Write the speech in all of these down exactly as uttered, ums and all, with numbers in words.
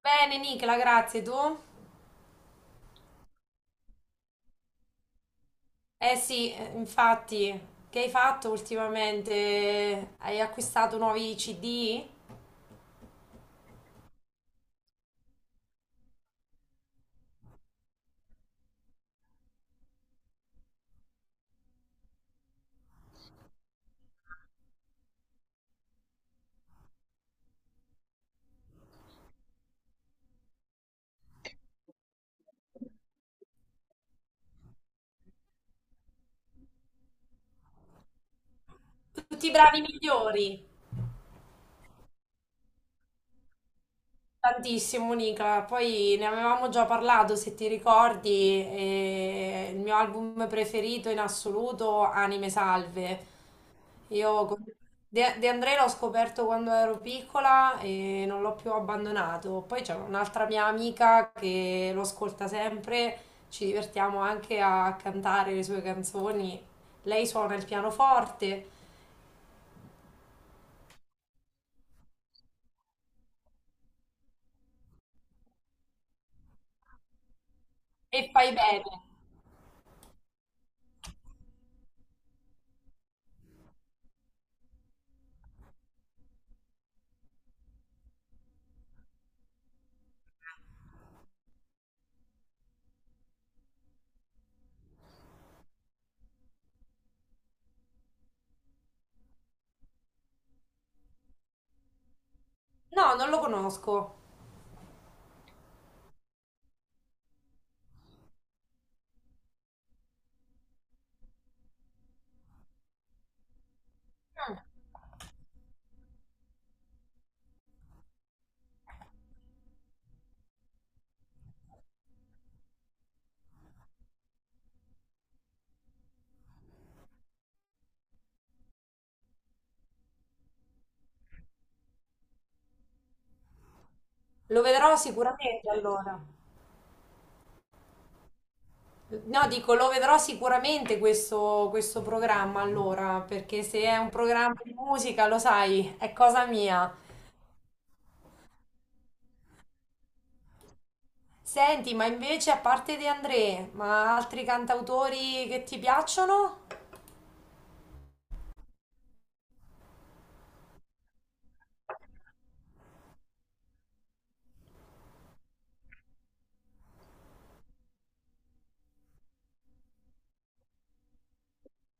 Bene, Nicola, grazie. Tu? Eh sì, eh, infatti, che hai fatto ultimamente? Hai acquistato nuovi C D? Tutti i bravi migliori. Tantissimo, Monica. Poi ne avevamo già parlato, se ti ricordi, e il mio album preferito in assoluto, Anime Salve. Io con- De, De André l'ho scoperto quando ero piccola e non l'ho più abbandonato. Poi c'è un'altra mia amica che lo ascolta sempre, ci divertiamo anche a cantare le sue canzoni. Lei suona il pianoforte e fai bene. No, non lo conosco. Mm. Lo vedrò sicuramente allora. No, dico, lo vedrò sicuramente questo, questo programma allora, perché se è un programma di musica, lo sai, è cosa mia. Senti, ma invece a parte De André, ma altri cantautori che ti piacciono?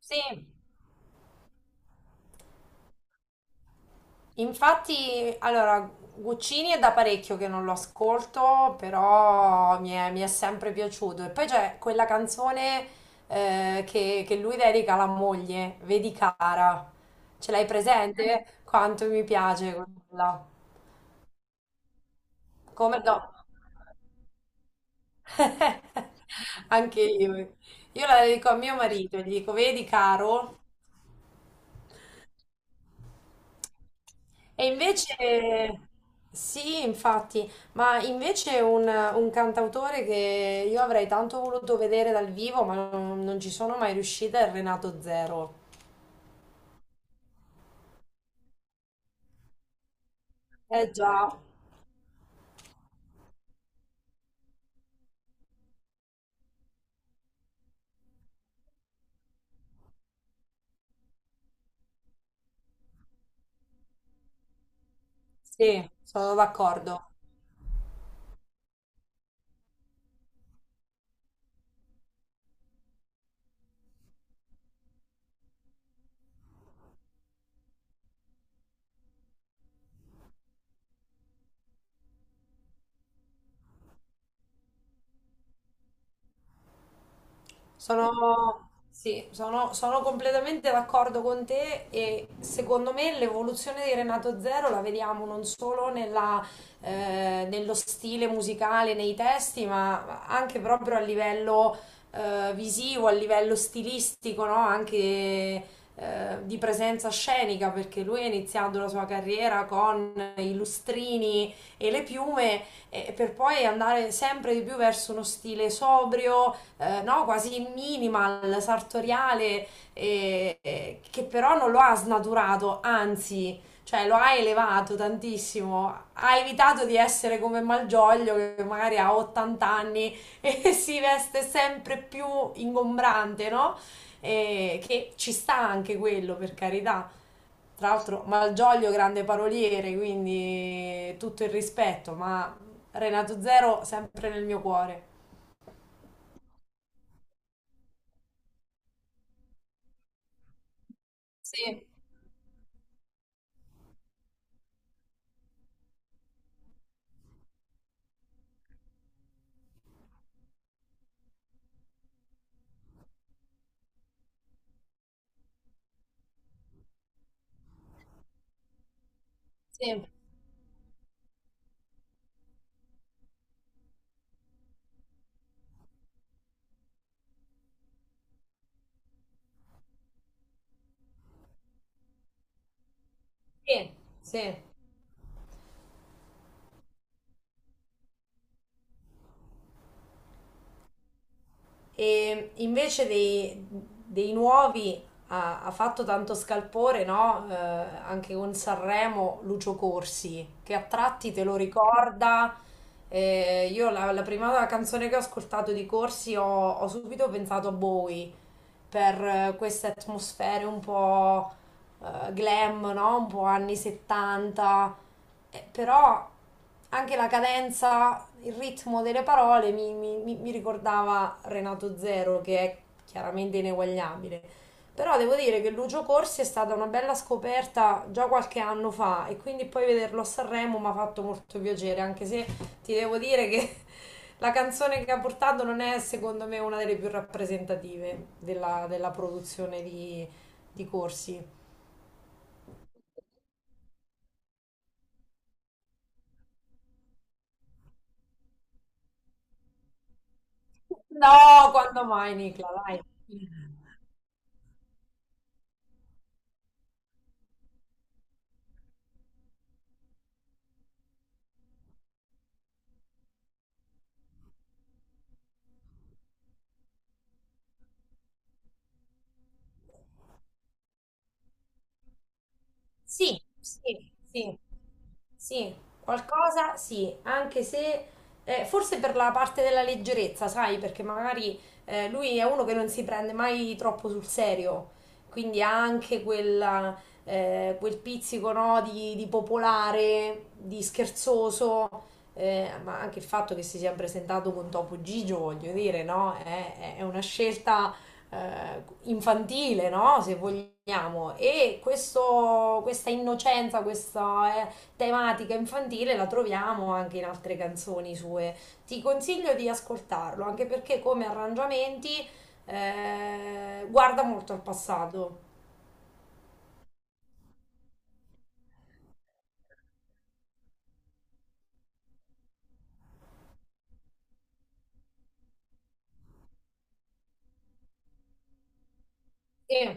Sì. Infatti, allora, Guccini è da parecchio che non lo ascolto, però mi è, mi è sempre piaciuto. E poi c'è quella canzone eh, che, che lui dedica alla moglie, vedi cara, ce l'hai presente? Quanto mi piace quella. Come no? Anche io. Io la dedico a mio marito e gli dico, vedi caro. E invece, sì, infatti, ma invece un, un cantautore che io avrei tanto voluto vedere dal vivo, ma non, non ci sono mai riuscita, è Renato Zero. Eh già, sì, sono d'accordo. Sono, sì, sono, sono completamente d'accordo con te e secondo me l'evoluzione di Renato Zero la vediamo non solo nella, eh, nello stile musicale, nei testi, ma anche proprio a livello eh, visivo, a livello stilistico, no? Anche eh, di presenza scenica, perché lui ha iniziato la sua carriera con i lustrini e le piume, e per poi andare sempre di più verso uno stile sobrio eh, no, quasi minimal, sartoriale, eh, eh, che però non lo ha snaturato, anzi, cioè lo ha elevato tantissimo, ha evitato di essere come Malgioglio che magari ha ottanta anni e si veste sempre più ingombrante, no? Eh, che ci sta anche quello, per carità. Tra l'altro Malgioglio grande paroliere, quindi tutto il rispetto, ma Renato Zero sempre nel mio cuore. Sì, sì. Sì, sì. E invece dei, dei nuovi ha, ha fatto tanto scalpore, no? Eh, anche con Sanremo, Lucio Corsi, che a tratti te lo ricorda. Eh, io la, la prima canzone che ho ascoltato di Corsi ho, ho subito pensato a Bowie, per eh, queste atmosfere un po' eh, glam, no? Un po' anni settanta. Eh, però anche la cadenza, il ritmo delle parole mi, mi- mi- mi ricordava Renato Zero, che è chiaramente ineguagliabile. Però devo dire che Lucio Corsi è stata una bella scoperta già qualche anno fa e quindi poi vederlo a Sanremo mi ha fatto molto piacere, anche se ti devo dire che la canzone che ha portato non è secondo me una delle più rappresentative della, della produzione di, di Corsi. No, quando mai, Nicla, dai. Sì, sì, sì, sì, qualcosa sì, anche se eh, forse per la parte della leggerezza, sai, perché magari eh, lui è uno che non si prende mai troppo sul serio, quindi ha anche quella, eh, quel pizzico, no, di, di popolare, di scherzoso, eh, ma anche il fatto che si sia presentato con Topo Gigio, voglio dire, no, è, è una scelta eh, infantile, no? Se vogliamo. E questo- questa innocenza, questa eh, tematica infantile la troviamo anche in altre canzoni sue. Ti consiglio di ascoltarlo, anche perché come arrangiamenti eh, guarda molto al passato. E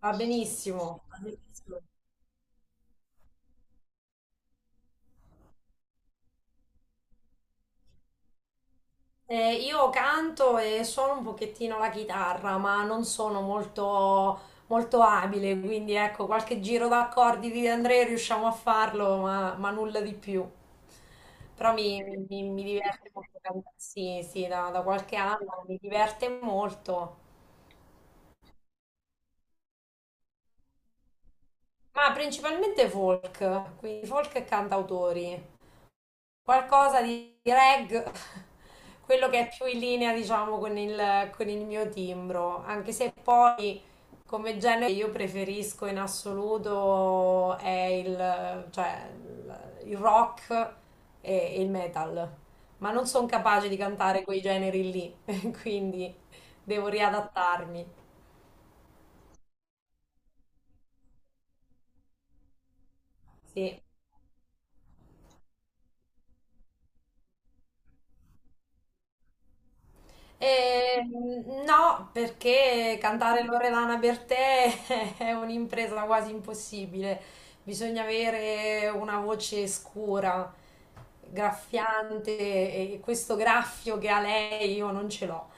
va benissimo. Va benissimo. Eh, io canto e suono un pochettino la chitarra, ma non sono molto, molto abile, quindi ecco, qualche giro d'accordi di Andrea riusciamo a farlo, ma, ma nulla di più. Però mi, mi- mi diverte molto cantare, sì, sì, da, da qualche anno mi diverte molto. Ma principalmente folk, quindi folk e cantautori. Qualcosa di reg, quello che è più in linea, diciamo, con il, con il mio timbro, anche se poi come genere che io preferisco in assoluto è il, cioè, il- il rock e e il metal, ma non sono capace di cantare quei generi lì, quindi devo riadattarmi. Sì. E, mm, no, perché cantare Loredana Bertè è un'impresa quasi impossibile. Bisogna avere una voce scura, graffiante, e questo graffio che ha lei io non ce l'ho.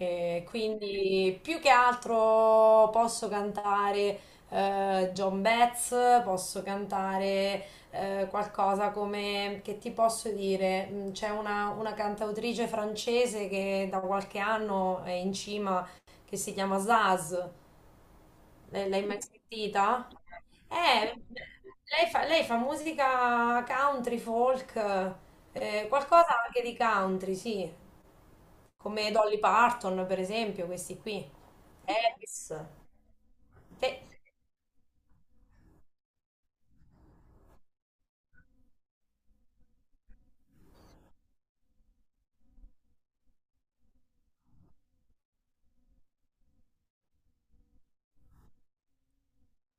E quindi più che altro posso cantare eh, John Betts, posso cantare eh, qualcosa come, che ti posso dire. Mm, c'è una, una cantautrice francese che da qualche anno è in cima, che si chiama Zaz. L- l'hai mai sentita? Eh, lei fa, lei fa musica country, folk, eh, qualcosa anche di country, sì, come Dolly Parton per esempio, questi qui. Elvis. Te-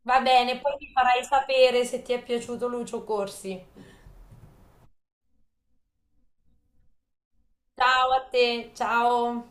Va bene, poi mi farai sapere se ti è piaciuto Lucio Corsi. Ciao a te, ciao.